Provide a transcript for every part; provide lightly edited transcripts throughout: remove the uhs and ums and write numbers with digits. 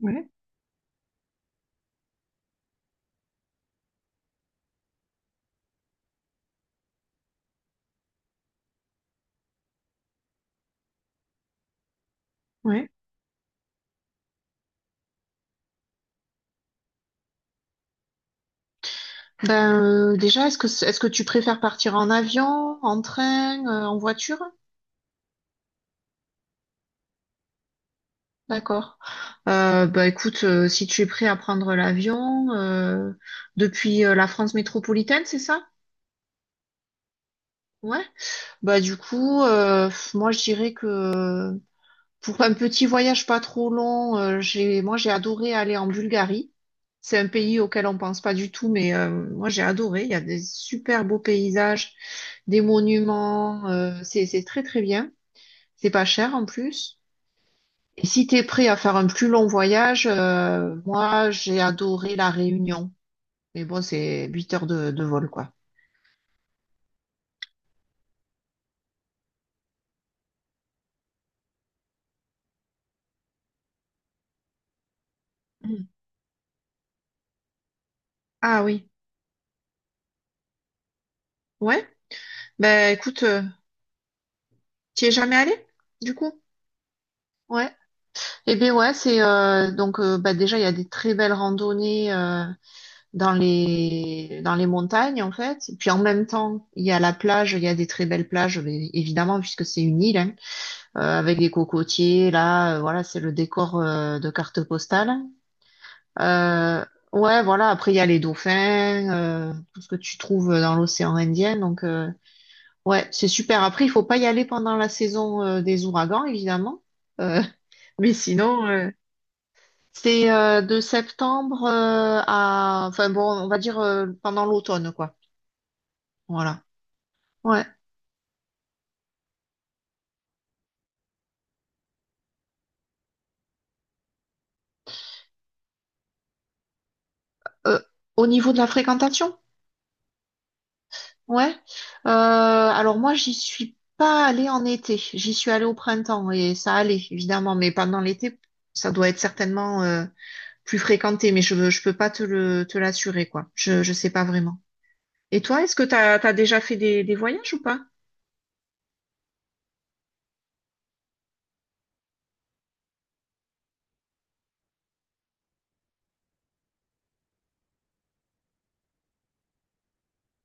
Ouais, ouais. Ben, déjà, est-ce que est-ce que tu préfères partir en avion, en train, en voiture? D'accord. Bah écoute, si tu es prêt à prendre l'avion depuis la France métropolitaine, c'est ça? Ouais. Bah du coup, moi je dirais que pour un petit voyage pas trop long, moi j'ai adoré aller en Bulgarie. C'est un pays auquel on pense pas du tout, mais moi j'ai adoré. Il y a des super beaux paysages, des monuments. C'est très très bien. C'est pas cher en plus. Et si t'es prêt à faire un plus long voyage, moi j'ai adoré La Réunion. Mais bon, c'est 8 heures de vol quoi. Mm. Ah oui, ouais. Ben écoute, tu es jamais allé du coup? Ouais. Eh bien ouais, c'est donc bah, déjà il y a des très belles randonnées dans les montagnes en fait. Et puis en même temps, il y a la plage, il y a des très belles plages mais évidemment puisque c'est une île hein, avec des cocotiers là, voilà, c'est le décor de carte postale. Euh, ouais, voilà, après il y a les dauphins, tout ce que tu trouves dans l'océan Indien donc ouais, c'est super. Après, il faut pas y aller pendant la saison des ouragans évidemment. Euh, mais sinon, c'est de septembre à, enfin bon, on va dire pendant l'automne, quoi. Voilà. Ouais. Euh, Au niveau de la fréquentation, ouais. Alors moi, j'y suis pas allée en été. J'y suis allée au printemps et ça allait, évidemment. Mais pendant l'été, ça doit être certainement plus fréquenté. Mais je peux pas te l'assurer, quoi. Je sais pas vraiment. Et toi, est-ce que t'as déjà fait des voyages ou pas?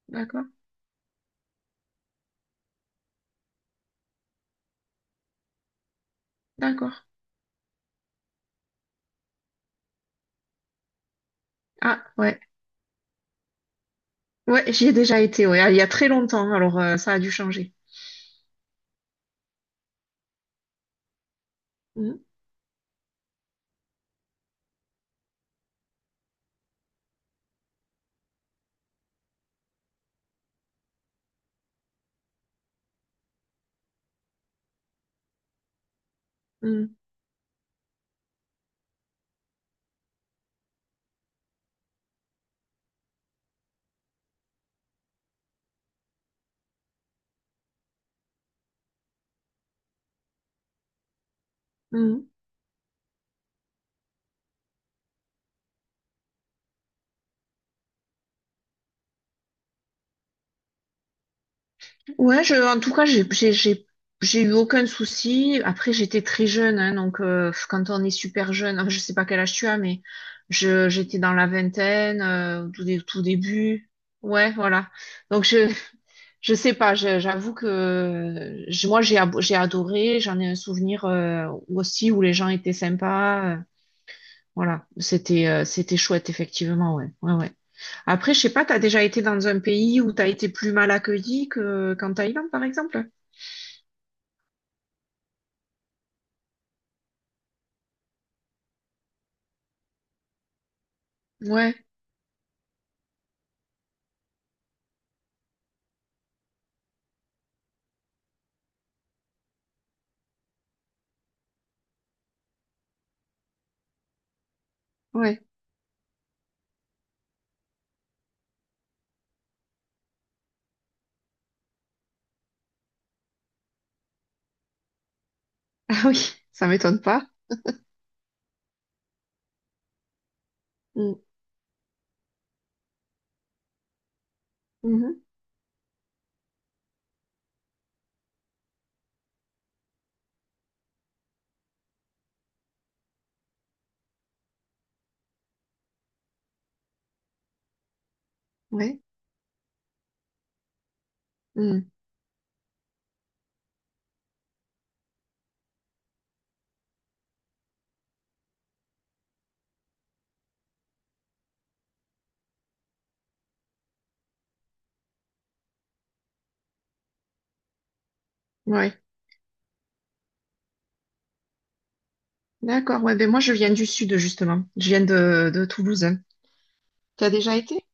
D'accord, d'accord. Ah ouais, ouais, j'y ai déjà été. Ouais, ah, il y a très longtemps. Alors ça a dû changer. Mm, mm, mm. Ouais, en tout cas, j'ai eu aucun souci. Après, j'étais très jeune, hein, donc quand on est super jeune, enfin, je sais pas quel âge tu as, mais j'étais dans la vingtaine, tout début. Ouais, voilà. Donc je sais pas. J'avoue que moi j'ai adoré. J'en ai un souvenir aussi où les gens étaient sympas. Voilà, c'était chouette effectivement. Ouais, ouais, ouais. Après, je sais pas, t'as déjà été dans un pays où t'as été plus mal accueilli que qu'en Thaïlande, par exemple? Ouais, ouais. Ah oui, ça m'étonne pas. Mm, mhm, ouais, mm, ouais. D'accord, ouais, ben moi je viens du sud, justement. Je viens de Toulouse. T'as déjà été?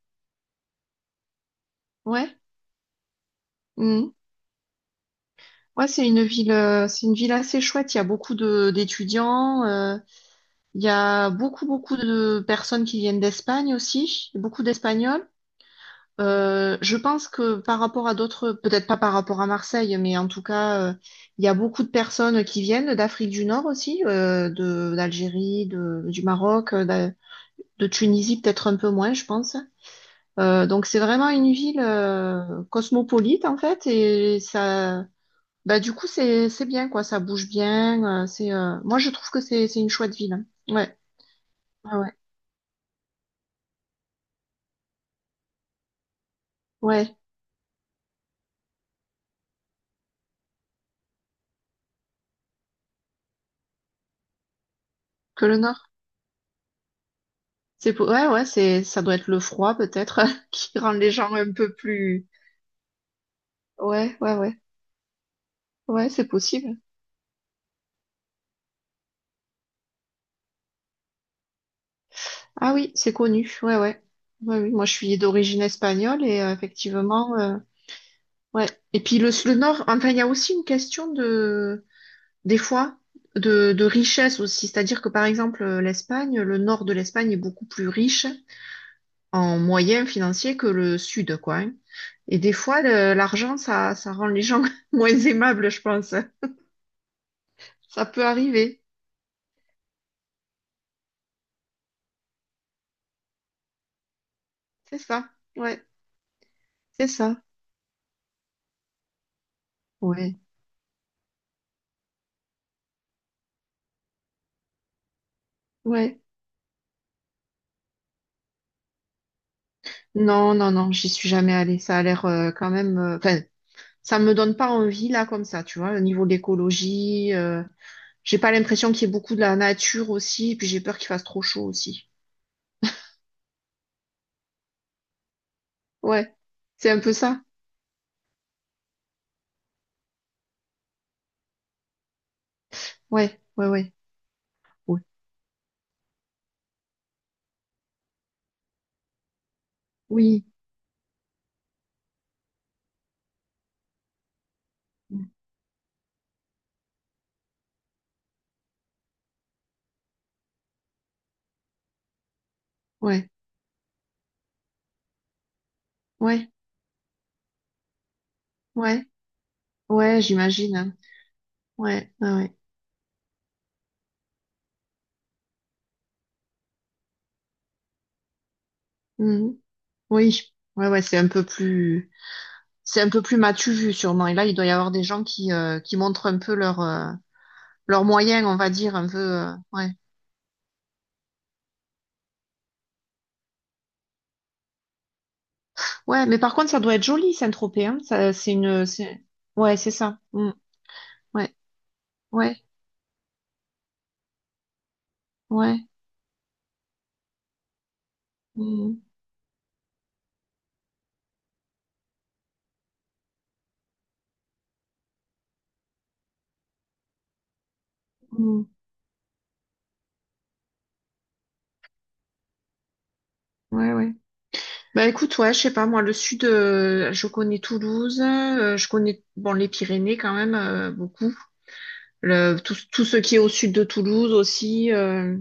Ouais. Mm. Ouais, c'est une ville assez chouette. Il y a beaucoup de d'étudiants, il y a beaucoup, beaucoup de personnes qui viennent d'Espagne aussi, beaucoup d'Espagnols. Je pense que par rapport à d'autres, peut-être pas par rapport à Marseille, mais en tout cas, il y a beaucoup de personnes qui viennent d'Afrique du Nord aussi, de d'Algérie, du Maroc, de Tunisie peut-être un peu moins, je pense. Donc c'est vraiment une ville cosmopolite en fait, et ça, bah du coup c'est bien quoi, ça bouge bien. C'est Moi je trouve que c'est une chouette ville, hein. Ouais, ouais, ouais, ouais. Que le Nord. Ouais, ouais, ça doit être le froid peut-être qui rend les gens un peu plus. Ouais, ouais, ouais. Ouais, c'est possible. Ah oui, c'est connu. Ouais, ouais. Ouais, oui. Moi, je suis d'origine espagnole et effectivement, ouais. Et puis le Nord, enfin, il y a aussi une question des fois, de richesse aussi. C'est-à-dire que par exemple, l'Espagne, le Nord de l'Espagne est beaucoup plus riche en moyens financiers que le Sud, quoi, hein. Et des fois, l'argent, ça rend les gens moins aimables, je pense. Ça peut arriver. C'est ça, ouais, c'est ça, ouais, ouais. Non, non, non, j'y suis jamais allée. Ça a l'air quand même. Enfin, ça me donne pas envie là comme ça, tu vois. Au niveau de l'écologie, j'ai pas l'impression qu'il y ait beaucoup de la nature aussi. Et puis j'ai peur qu'il fasse trop chaud aussi. Ouais, c'est un peu ça. Ouais, ouais, ouais, ouais. Oui, ouais, ouais, ouais, ouais. J'imagine, hein. Ouais, ouais, ouais. Mhm. Oui, ouais, ouais. C'est un peu plus matu vu sûrement. Et là, il doit y avoir des gens qui montrent un peu leurs moyens, on va dire, un peu. Ouais. Ouais, mais par contre, ça doit être joli, Saint-Tropez, hein. Ça, c'est une. C'est- Ouais, c'est ça. Mm. Ouais, ouais. ouais. Mm. Mm. Ouais, ouais. Bah écoute, ouais, je sais pas, moi, le sud, je connais Toulouse, je connais bon les Pyrénées quand même beaucoup. Tout ce qui est au sud de Toulouse aussi.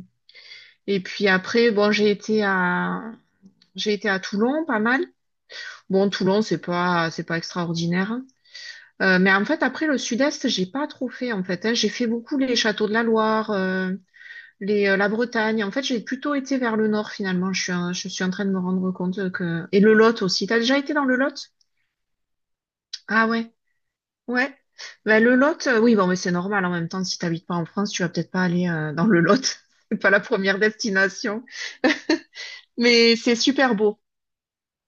Et puis après, bon, j'ai été à Toulon pas mal. Bon, Toulon, c'est pas extraordinaire, hein. Mais en fait, après le Sud-Est, j'ai pas trop fait en fait, hein. J'ai fait beaucoup les châteaux de la Loire, la Bretagne. En fait, j'ai plutôt été vers le nord finalement. Je suis en train de me rendre compte que et le Lot aussi. T'as déjà été dans le Lot? Ah ouais, ouais. Ben, le Lot, oui, bon, mais c'est normal. En même temps, si t'habites pas en France, tu vas peut-être pas aller dans le Lot. C'est pas la première destination. Mais c'est super beau.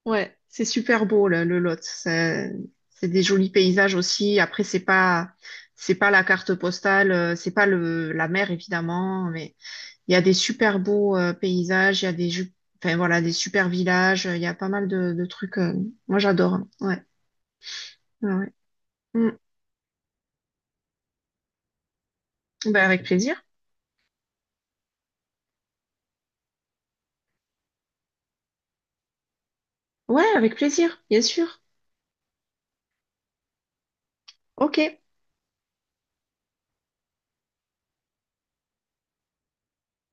Ouais, c'est super beau là, le Lot. C'est des jolis paysages aussi. Après, c'est pas la carte postale, c'est pas le la mer évidemment, mais il y a des super beaux paysages, il y a enfin voilà, des super villages, il y a pas mal de trucs. Moi, j'adore, hein. Ouais, ouais, ouais. Mm. Ben, avec plaisir. Ouais, avec plaisir, bien sûr. Ok.